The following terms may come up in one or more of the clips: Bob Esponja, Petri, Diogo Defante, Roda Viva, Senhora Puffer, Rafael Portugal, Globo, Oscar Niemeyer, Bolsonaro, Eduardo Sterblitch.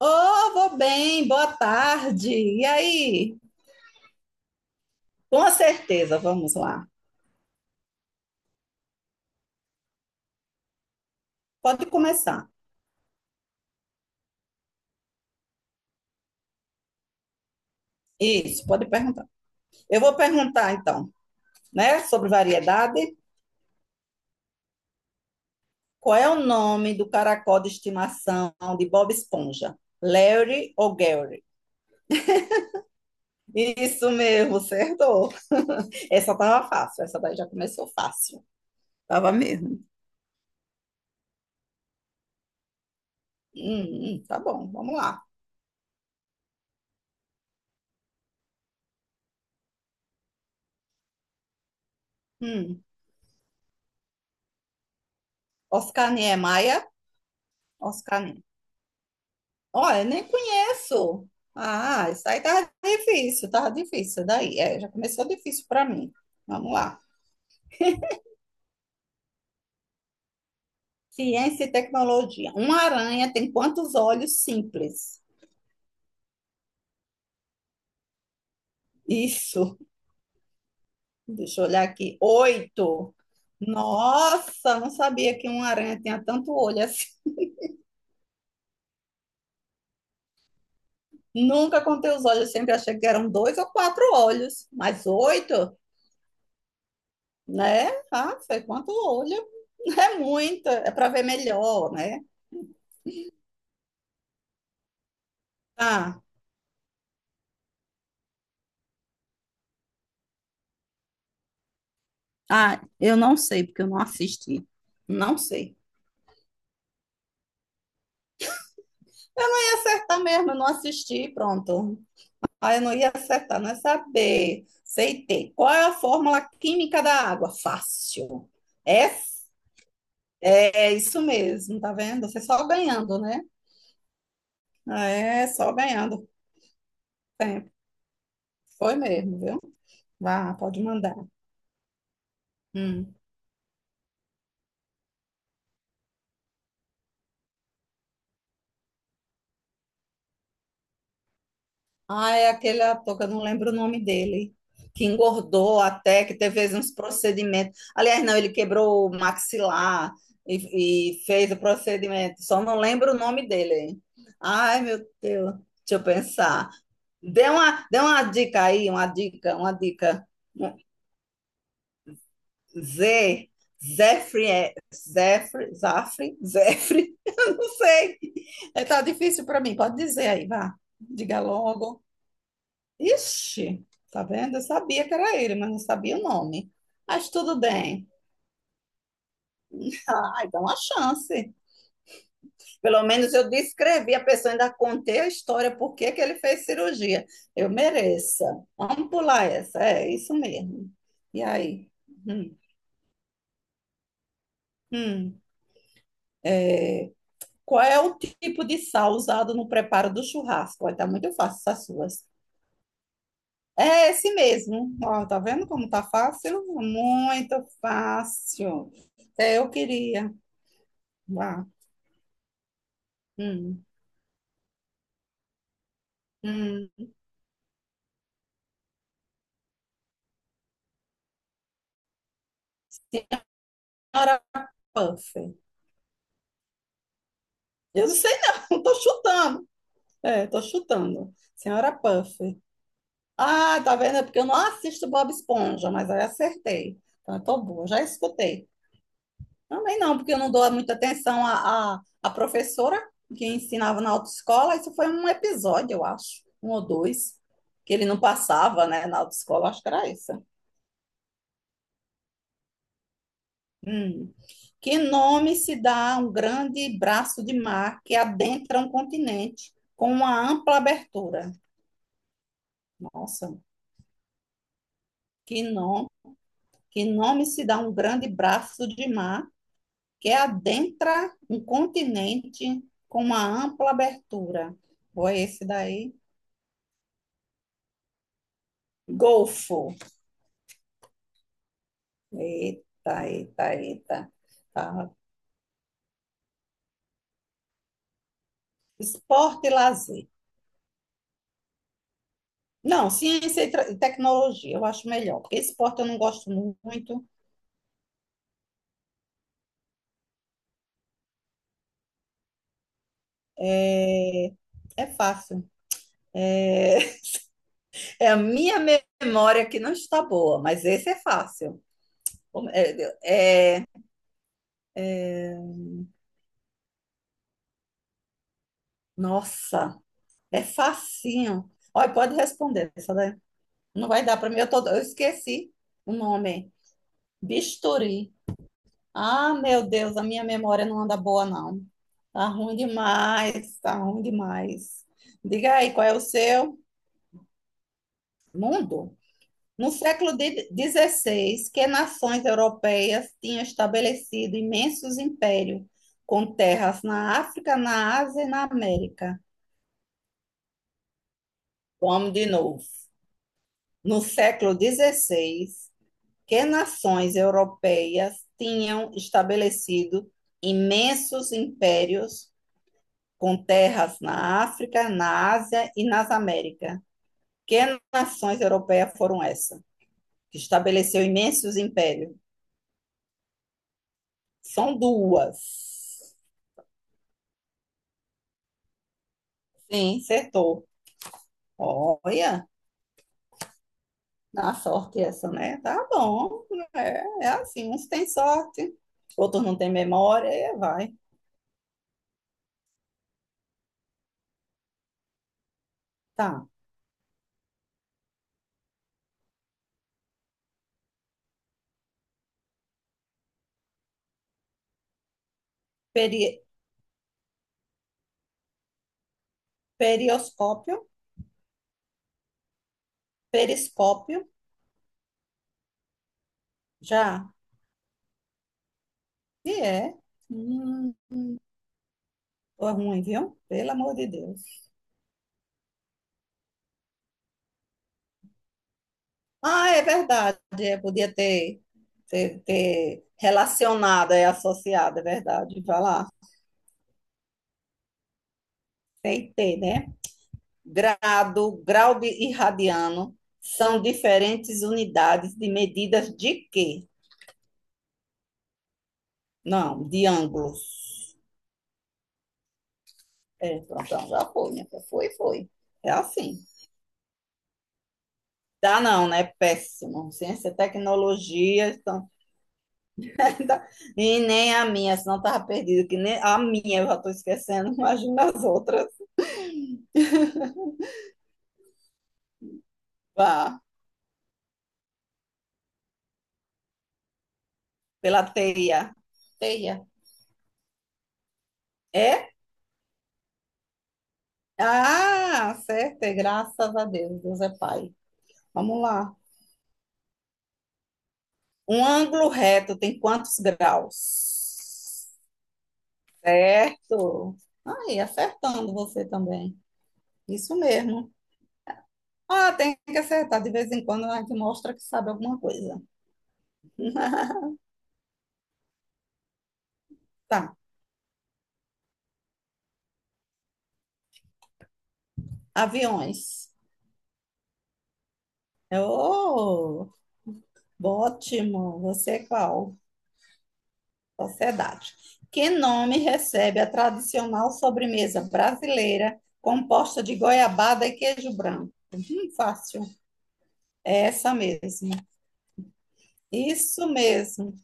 Oh, vou bem, boa tarde. E aí? Com certeza, vamos lá. Pode começar. Isso, pode perguntar. Eu vou perguntar então, né, sobre variedade. Qual é o nome do caracol de estimação de Bob Esponja? Larry ou Gary? Isso mesmo, acertou. Essa tava fácil, essa daí já começou fácil. Tava mesmo. Tá bom, vamos lá. Hum. Oscar Niemeyer, Oscar Olha, nem conheço. Ah, isso aí tava difícil, tava difícil. Daí, é, já começou difícil para mim. Vamos lá. Ciência e tecnologia. Uma aranha tem quantos olhos simples? Isso. Deixa eu olhar aqui. Oito. Nossa, não sabia que uma aranha tinha tanto olho assim. Nunca contei os olhos, sempre achei que eram dois ou quatro olhos, mas oito, né? Ah, foi quanto olho? É muito, é para ver melhor, né? Ah. Ah, eu não sei, porque eu não assisti. Não sei. Eu ia acertar mesmo, eu não assisti, pronto. Ah, eu não ia acertar, não é saber. Sei ter. Qual é a fórmula química da água? Fácil. É, é isso mesmo, tá vendo? Você só ganhando, né? É, só ganhando tempo. Foi mesmo, viu? Vá, pode mandar. Hum. Ah, é aquele ator que eu não lembro o nome dele, que engordou até, que teve uns procedimentos. Aliás, não, ele quebrou o maxilar e fez o procedimento, só não lembro o nome dele. Ai, meu Deus, deixa eu pensar. Dê uma dica aí, uma dica, uma dica. Z, Zefre, Zafre, Zefre, eu não sei. É, tá difícil para mim, pode dizer aí, vá, diga logo. Ixi, tá vendo? Eu sabia que era ele, mas não sabia o nome. Mas tudo bem. Ai, dá uma chance. Pelo menos eu descrevi a pessoa, ainda contei a história, por que que ele fez cirurgia. Eu mereço. Vamos pular essa. É isso mesmo. E aí? Hum, hum. Qual é o tipo de sal usado no preparo do churrasco? Olha, tá muito fácil essas suas. É esse mesmo. Ó, tá vendo como tá fácil? Muito fácil. Até eu queria. Vá. Hum, hum, Senhora Puffer. Eu não sei não, tô chutando. É, tô chutando. Senhora Puffer. Ah, tá vendo? É porque eu não assisto Bob Esponja, mas aí acertei. Então eu tô boa, já escutei. Também não, porque eu não dou muita atenção à professora que ensinava na autoescola. Isso foi um episódio, eu acho, um ou dois, que ele não passava, né, na autoescola, acho que era isso. Hum. Que nome se dá a um grande braço de mar que adentra um continente com uma ampla abertura? Nossa, que nome, que nome se dá a um grande braço de mar que adentra um continente com uma ampla abertura? Ou é esse daí? Golfo. Eita, eita, eita. Tá. Esporte e lazer. Não, ciência e e tecnologia, eu acho melhor, porque esporte eu não gosto muito. É, é fácil. É, é a minha memória que não está boa, mas esse é fácil. É, é- Nossa, é facinho. Olha, pode responder, essa daí. Não vai dar para mim, eu esqueci o nome. Bisturi. Ah, meu Deus, a minha memória não anda boa, não. Tá ruim demais, tá ruim demais. Diga aí, qual é o seu? Mundo? No século 16, que nações europeias tinham estabelecido imensos impérios, com terras na África, na Ásia e na América. Vamos de novo. No século dezesseis, que nações europeias tinham estabelecido imensos impérios, com terras na África, na Ásia e nas Américas. Que nações europeias foram essas? Que estabeleceu imensos impérios? São duas. Sim, acertou. Olha, dá sorte essa, né? Tá bom. É, é assim, uns têm sorte, outros não têm memória, e vai. Tá. Peri, perioscópio, periscópio, já. E é. Hum, foi ruim, viu? Pelo amor de Deus. Ah, é verdade, é, podia ter relacionado, é associado, é verdade. Vai lá. Tem que ter, né? Grau de- e radiano são diferentes unidades de medidas de quê? Não, de ângulos. É, pronto, então já foi, minha filha. Foi, foi. É assim. Dá não, né? Péssimo. Ciência, tecnologia, então... E nem a minha, senão tava perdido, que nem a minha eu já tô esquecendo, imagina as outras. Vá, pela teia. Teia. É? Ah, certo, é, graças a Deus, Deus é Pai. Vamos lá. Um ângulo reto tem quantos graus? Certo. Aí, acertando você também. Isso mesmo. Ah, tem que acertar. De vez em quando a gente mostra que sabe alguma coisa. Tá. Aviões. Oh, ótimo. Você é qual? Sociedade. Que nome recebe a tradicional sobremesa brasileira composta de goiabada e queijo branco? Fácil. É essa mesmo. Isso mesmo,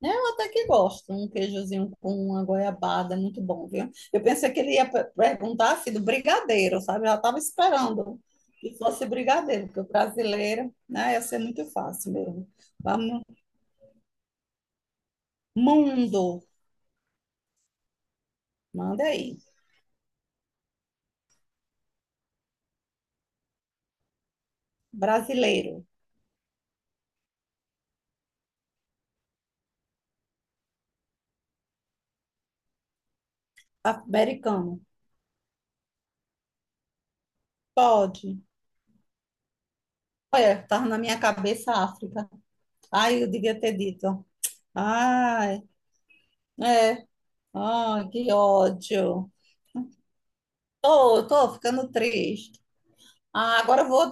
né? Eu até que gosto, um queijozinho com uma goiabada, é muito bom, viu? Eu pensei que ele ia perguntar assim, do brigadeiro, sabe? Eu já estava esperando que fosse brigadeiro, porque o brasileiro, né, ia ser muito fácil mesmo. Vamos, mundo, manda aí. Brasileiro, americano, pode. Olha, estava na minha cabeça a África. Ai, eu devia ter dito. Ai, é, ai, que ódio. Tô ficando triste. Ah,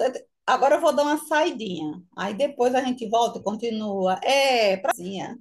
agora eu vou dar uma saidinha. Aí depois a gente volta e continua. É, prazinha.